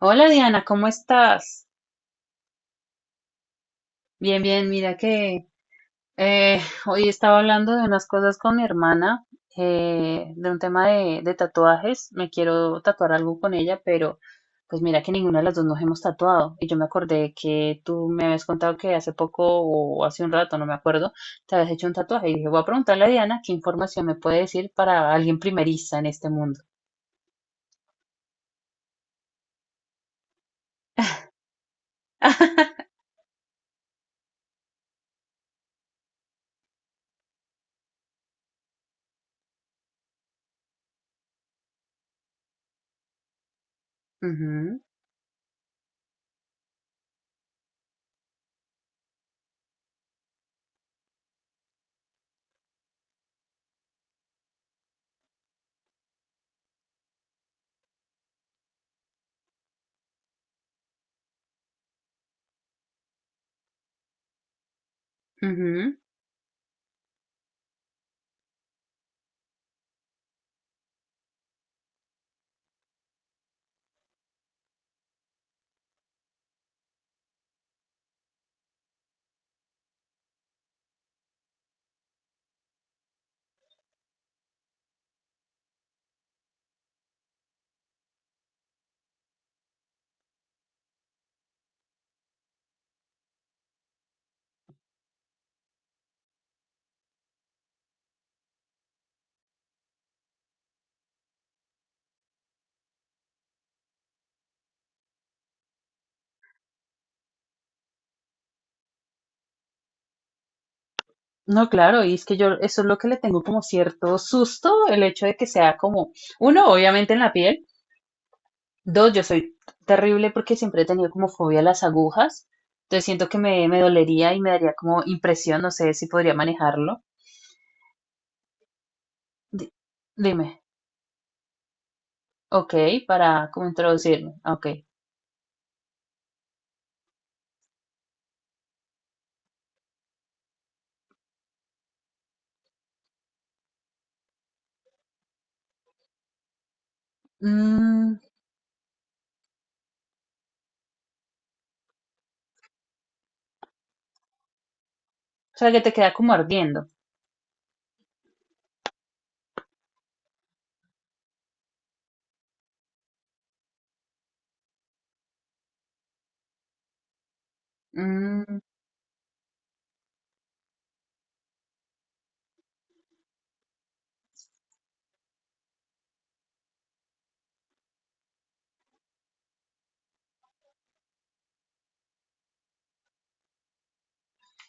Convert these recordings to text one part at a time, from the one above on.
Hola Diana, ¿cómo estás? Bien, bien, mira que eh, hoy estaba hablando de unas cosas con mi hermana, de un tema de tatuajes. Me quiero tatuar algo con ella, pero pues mira que ninguna de las dos nos hemos tatuado. Y yo me acordé que tú me habías contado que hace poco o hace un rato, no me acuerdo, te habías hecho un tatuaje. Y dije, voy a preguntarle a Diana qué información me puede decir para alguien primeriza en este mundo. Ujú, ujú. No, claro, y es que yo eso es lo que le tengo como cierto susto, el hecho de que sea como, uno, obviamente en la piel, dos, yo soy terrible porque siempre he tenido como fobia a las agujas, entonces siento que me dolería y me daría como impresión, no sé si podría manejarlo. Di- Dime, ok, para como introducirme, ok. Mm, o sea, que te queda como ardiendo. Mm,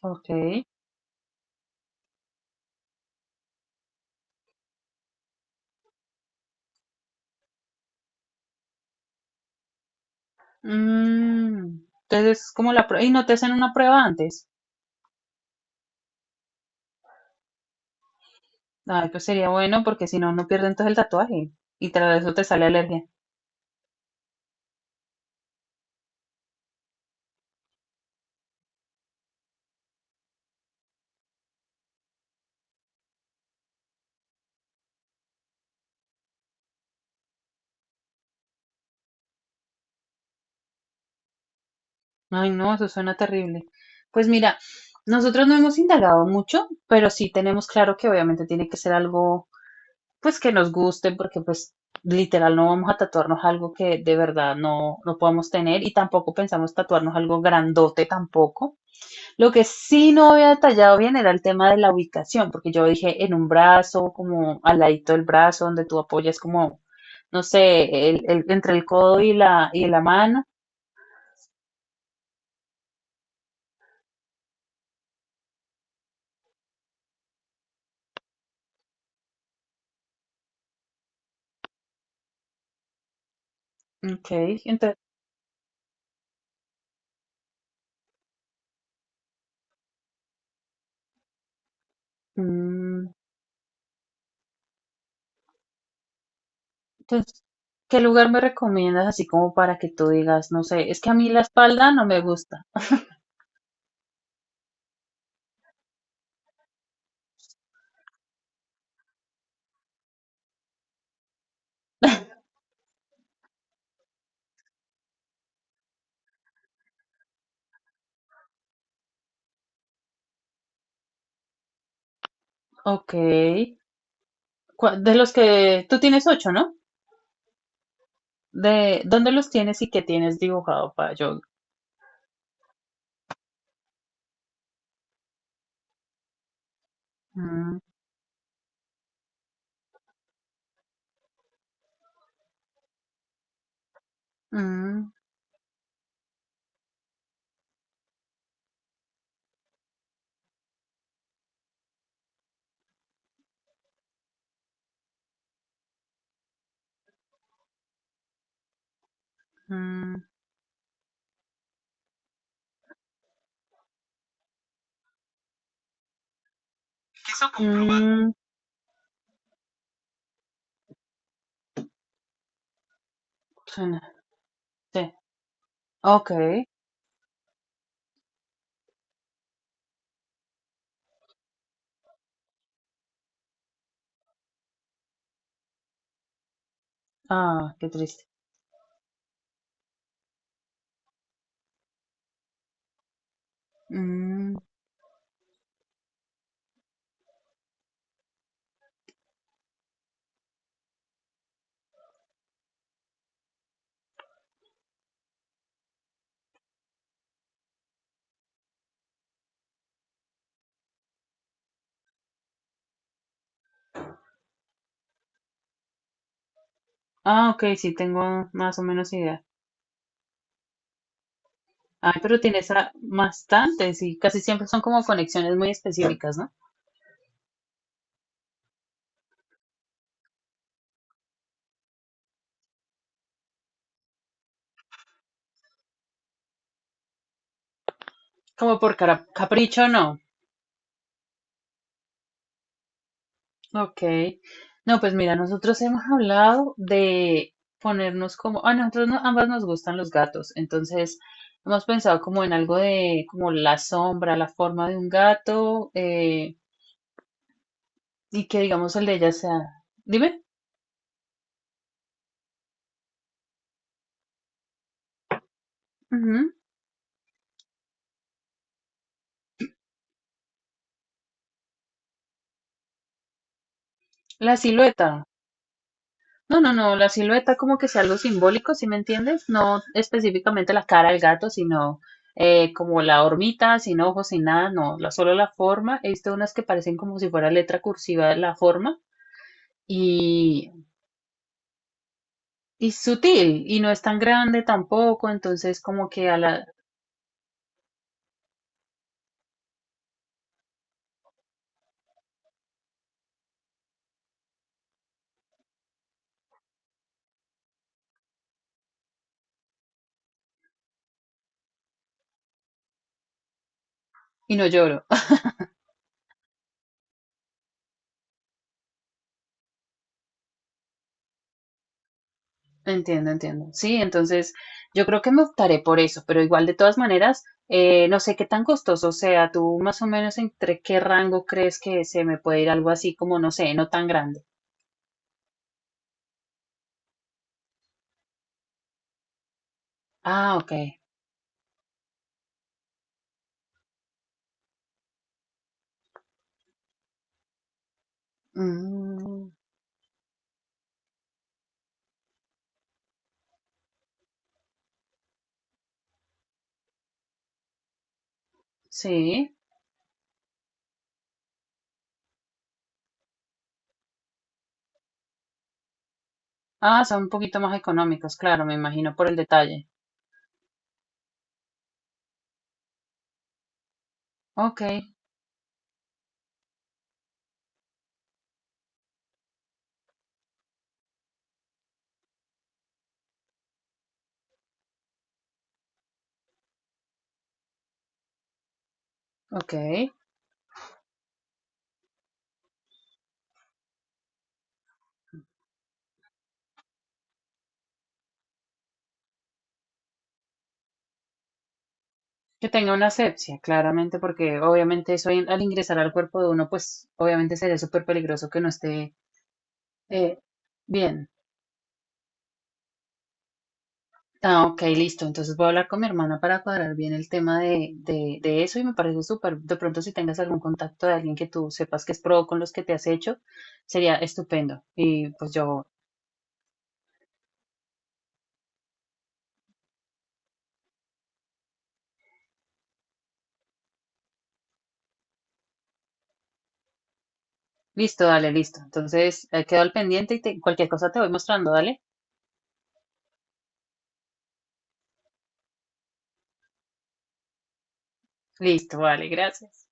ok. Mm, entonces, es como la prueba, y no te hacen una prueba antes. Ay, pues sería bueno porque si no, no pierden entonces el tatuaje y tras eso te sale alergia. Ay, no, eso suena terrible. Pues mira, nosotros no hemos indagado mucho, pero sí tenemos claro que obviamente tiene que ser algo pues que nos guste porque pues literal no vamos a tatuarnos algo que de verdad no podamos tener y tampoco pensamos tatuarnos algo grandote tampoco. Lo que sí no había detallado bien era el tema de la ubicación, porque yo dije en un brazo, como al ladito del brazo, donde tú apoyas como, no sé, entre el codo y y la mano. Ok, entre- mm, entonces, ¿qué lugar me recomiendas así como para que tú digas, no sé, es que a mí la espalda no me gusta? Ok, de los que tú tienes 8, ¿no? ¿De dónde los tienes y qué tienes dibujado para yo? Mm, mm, mm, mm, sí, ok. Ah, qué triste. Mm, ah, ok, sí, tengo más o menos idea. Ay, pero tienes bastantes y casi siempre son como conexiones muy específicas, ¿no? Como por capricho, no. Ok. No, pues mira, nosotros hemos hablado de ponernos como, a nosotros ambas nos gustan los gatos, entonces hemos pensado como en algo de como la sombra, la forma de un gato y que digamos el de ella sea, dime, ujú, la silueta. No, no, no, la silueta como que sea algo simbólico, ¿sí me entiendes? No específicamente la cara del gato, sino como la hormita, sin ojos, sin nada, no, la, solo la forma. He visto unas que parecen como si fuera letra cursiva la forma y, y sutil y no es tan grande tampoco, entonces como que a la... Y no lloro. Entiendo, entiendo. Sí, entonces yo creo que me optaré por eso, pero igual de todas maneras, no sé qué tan costoso sea. ¿Tú más o menos entre qué rango crees que se me puede ir algo así como, no sé, no tan grande? Ah, ok. Mm, sí. Ah, son un poquito más económicos, claro, me imagino por el detalle. Ok, ok. Que tenga una asepsia, claramente, porque obviamente eso al ingresar al cuerpo de uno, pues obviamente sería súper peligroso que no esté eh, bien. Ah, ok, listo. Entonces voy a hablar con mi hermana para cuadrar bien el tema de eso y me parece súper, de pronto si tengas algún contacto de alguien que tú sepas que es pro con los que te has hecho, sería estupendo. Y pues yo, listo, dale, listo. Entonces quedo al pendiente y cualquier cosa te voy mostrando, dale. Listo, vale, gracias.